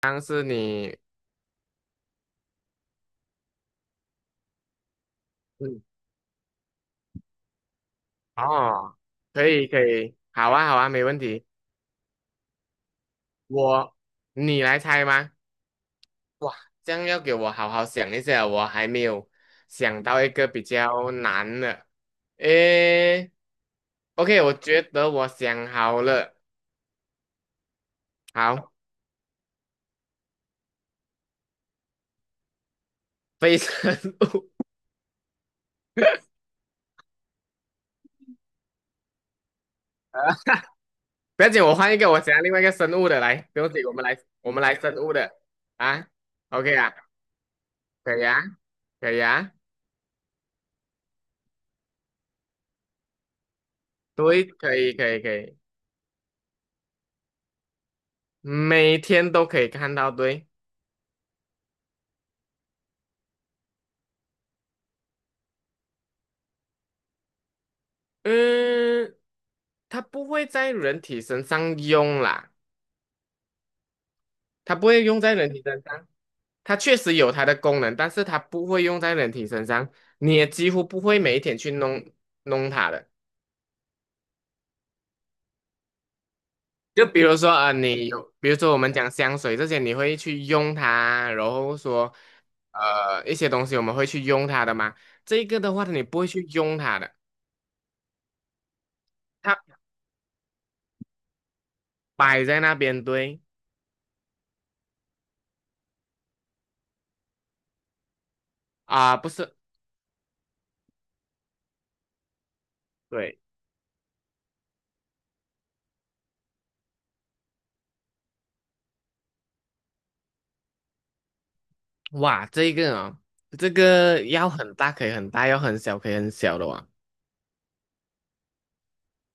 但是你，嗯，哦，可以，好啊，没问题。我，你来猜吗？哇，这样要给我好好想一下，我还没有想到一个比较难的。诶，OK，我觉得我想好了。好，非生物。不要紧，我换一个，我想要另外一个生物的来，不用紧，我们来生物的啊。OK 啊，可以啊，可以啊。对，可以。每天都可以看到，对。嗯，它不会在人体身上用啦，它不会用在人体身上，它确实有它的功能，但是它不会用在人体身上，你也几乎不会每一天去弄它的。就比如说啊、你有，比如说我们讲香水这些，你会去用它，然后说一些东西我们会去用它的嘛，这个的话你不会去用它的，它摆在那边。对啊、不是。对。哇，这个哦，这个要很大可以很大，要很小可以很小的哇。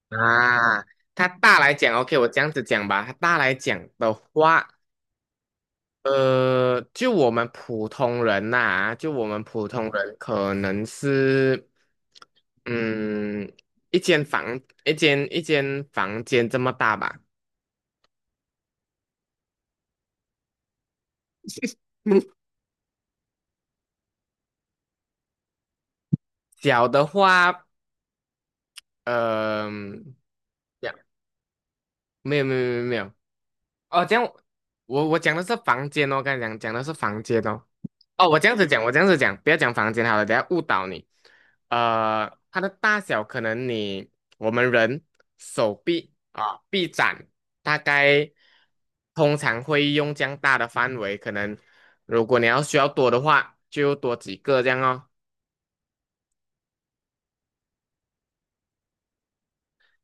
啊，它大来讲，OK，我这样子讲吧，它大来讲的话，就我们普通人可能是，嗯，一间房，一间房间这么大吧。小的话，呃，这样没有，哦，这样我讲的是房间哦，刚才讲的是房间哦。哦，我这样子讲，我这样子讲，不要讲房间好了，等下误导你。呃，它的大小可能你我们人手臂啊臂展大概通常会用这样大的范围，可能如果你要需要多的话，就多几个这样哦。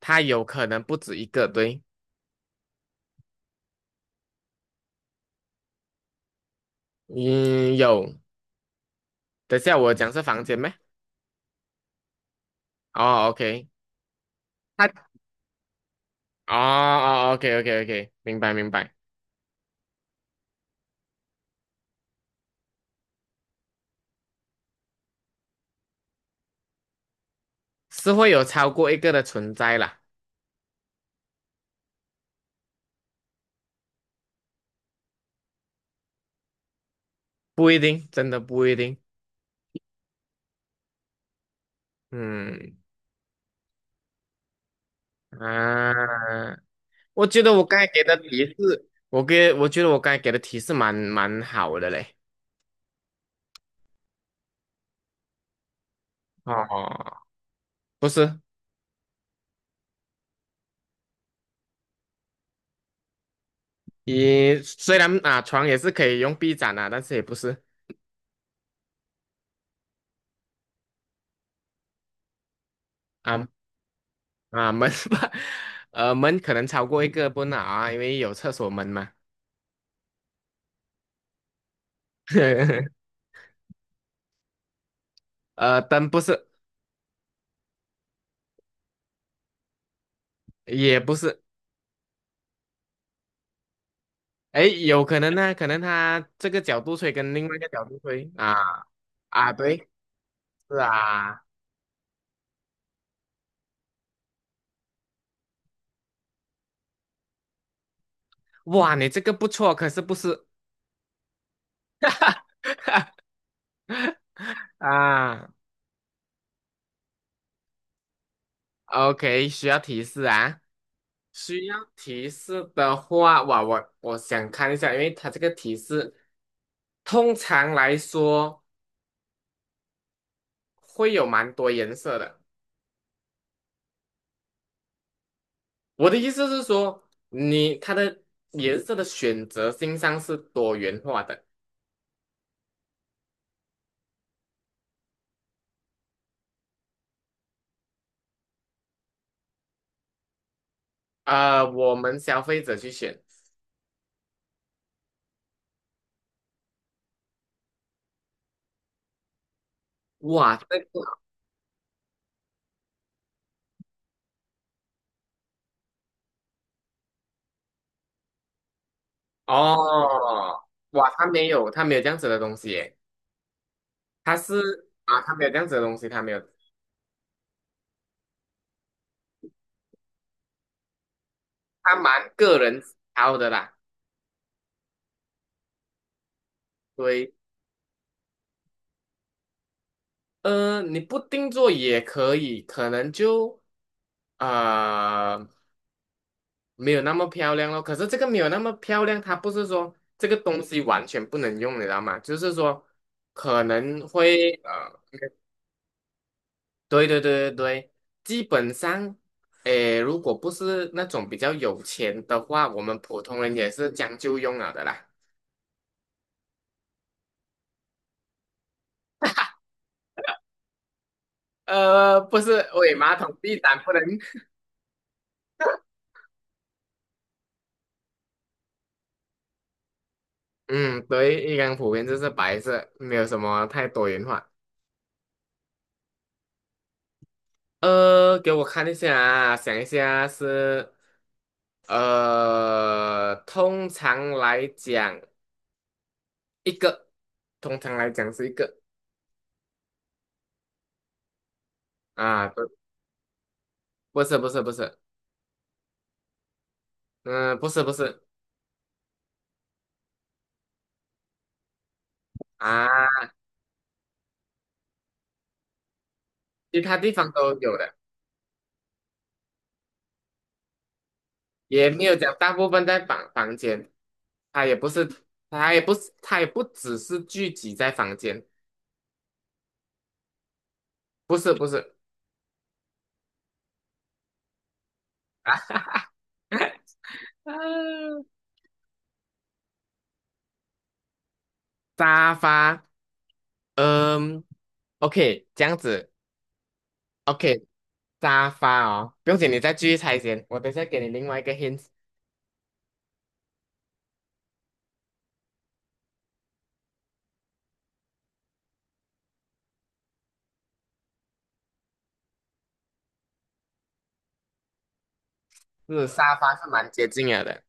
它有可能不止一个，对。嗯，有。等下我讲是房间咩？哦，OK。它哦，OK OK OK,明白，是会有超过一个的存在啦。不一定，真的不一定。嗯，啊，我觉得我刚才给的提示，我觉得我刚才给的提示蛮好的嘞。哦，不是，你虽然啊床也是可以用臂展啊，但是也不是。啊门吧，门可能超过一个不能啊，因为有厕所门嘛。呃，灯不是，也不是。哎，有可能呢，可能他这个角度吹跟另外一个角度吹啊，啊对，是啊。哇，你这个不错，可是不是啊？OK,需要提示啊。需要提示的话，哇，我想看一下，因为它这个提示通常来说会有蛮多颜色的。我的意思是说，你它的颜色的选择性上是多元化的。呃，我们消费者去选。哇，这个哦，哇，它没有，它没有这样子的东西耶，它是啊，它没有这样子的东西，它没有。它蛮个人挑的啦。对。你不定做也可以，可能就呃没有那么漂亮咯。可是这个没有那么漂亮，它不是说这个东西完全不能用，你知道吗？就是说可能会对对对对对，基本上，诶，如果不是那种比较有钱的话，我们普通人也是将就用了的啦。呃，不是，喂，马桶地板不能。嗯，对，一般普遍就是白色，没有什么太多元化。给我看一下啊，想一下是，通常来讲一个，通常来讲是一个。啊，不，不是，嗯，不是啊，其他地方都有的。也没有讲大部分在房间，它也不是，它也不是，它也不只是聚集在房间。不是不是。啊，沙发。嗯，OK,这样子，OK。沙发哦，不用紧，你再继续猜先，我等一下给你另外一个 hint。是沙发是蛮接近了的。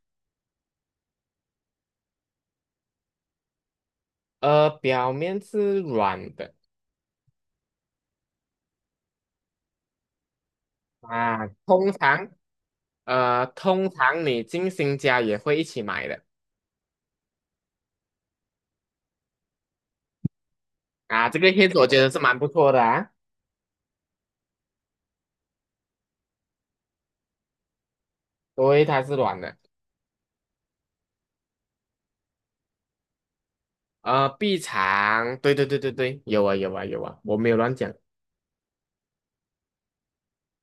表面是软的啊。通常，通常你进新家也会一起买的啊，这个 hint 我觉得是蛮不错的啊。对，它是软的。呃，臂长，对对对对对，有啊有啊有啊，我没有乱讲。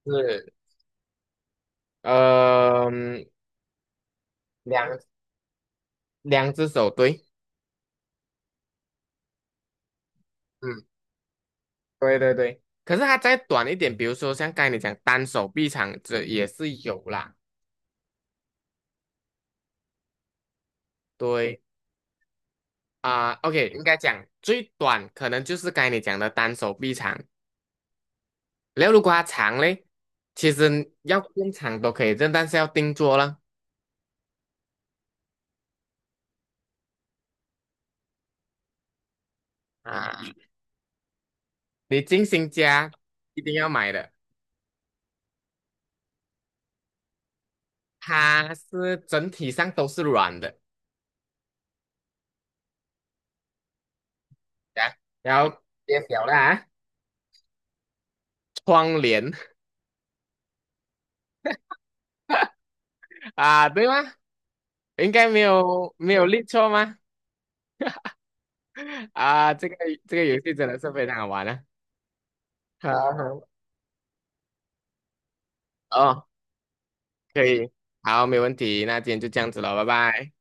是，呃，两两只手，对。嗯。对对对，可是它再短一点，比如说像刚才你讲单手臂长，这也是有啦。对啊，OK,应该讲最短可能就是刚才你讲的单手臂长。然后如果它长嘞，其实要更长都可以，但是要定做了啊。你进新家一定要买的，它是整体上都是软的。啊，然后变小了啊，窗帘。 啊，对吗？应该没有没有立错吗？啊，这个游戏真的是非常好玩啊。好好，哦，可以，好，没问题，那今天就这样子了，拜拜。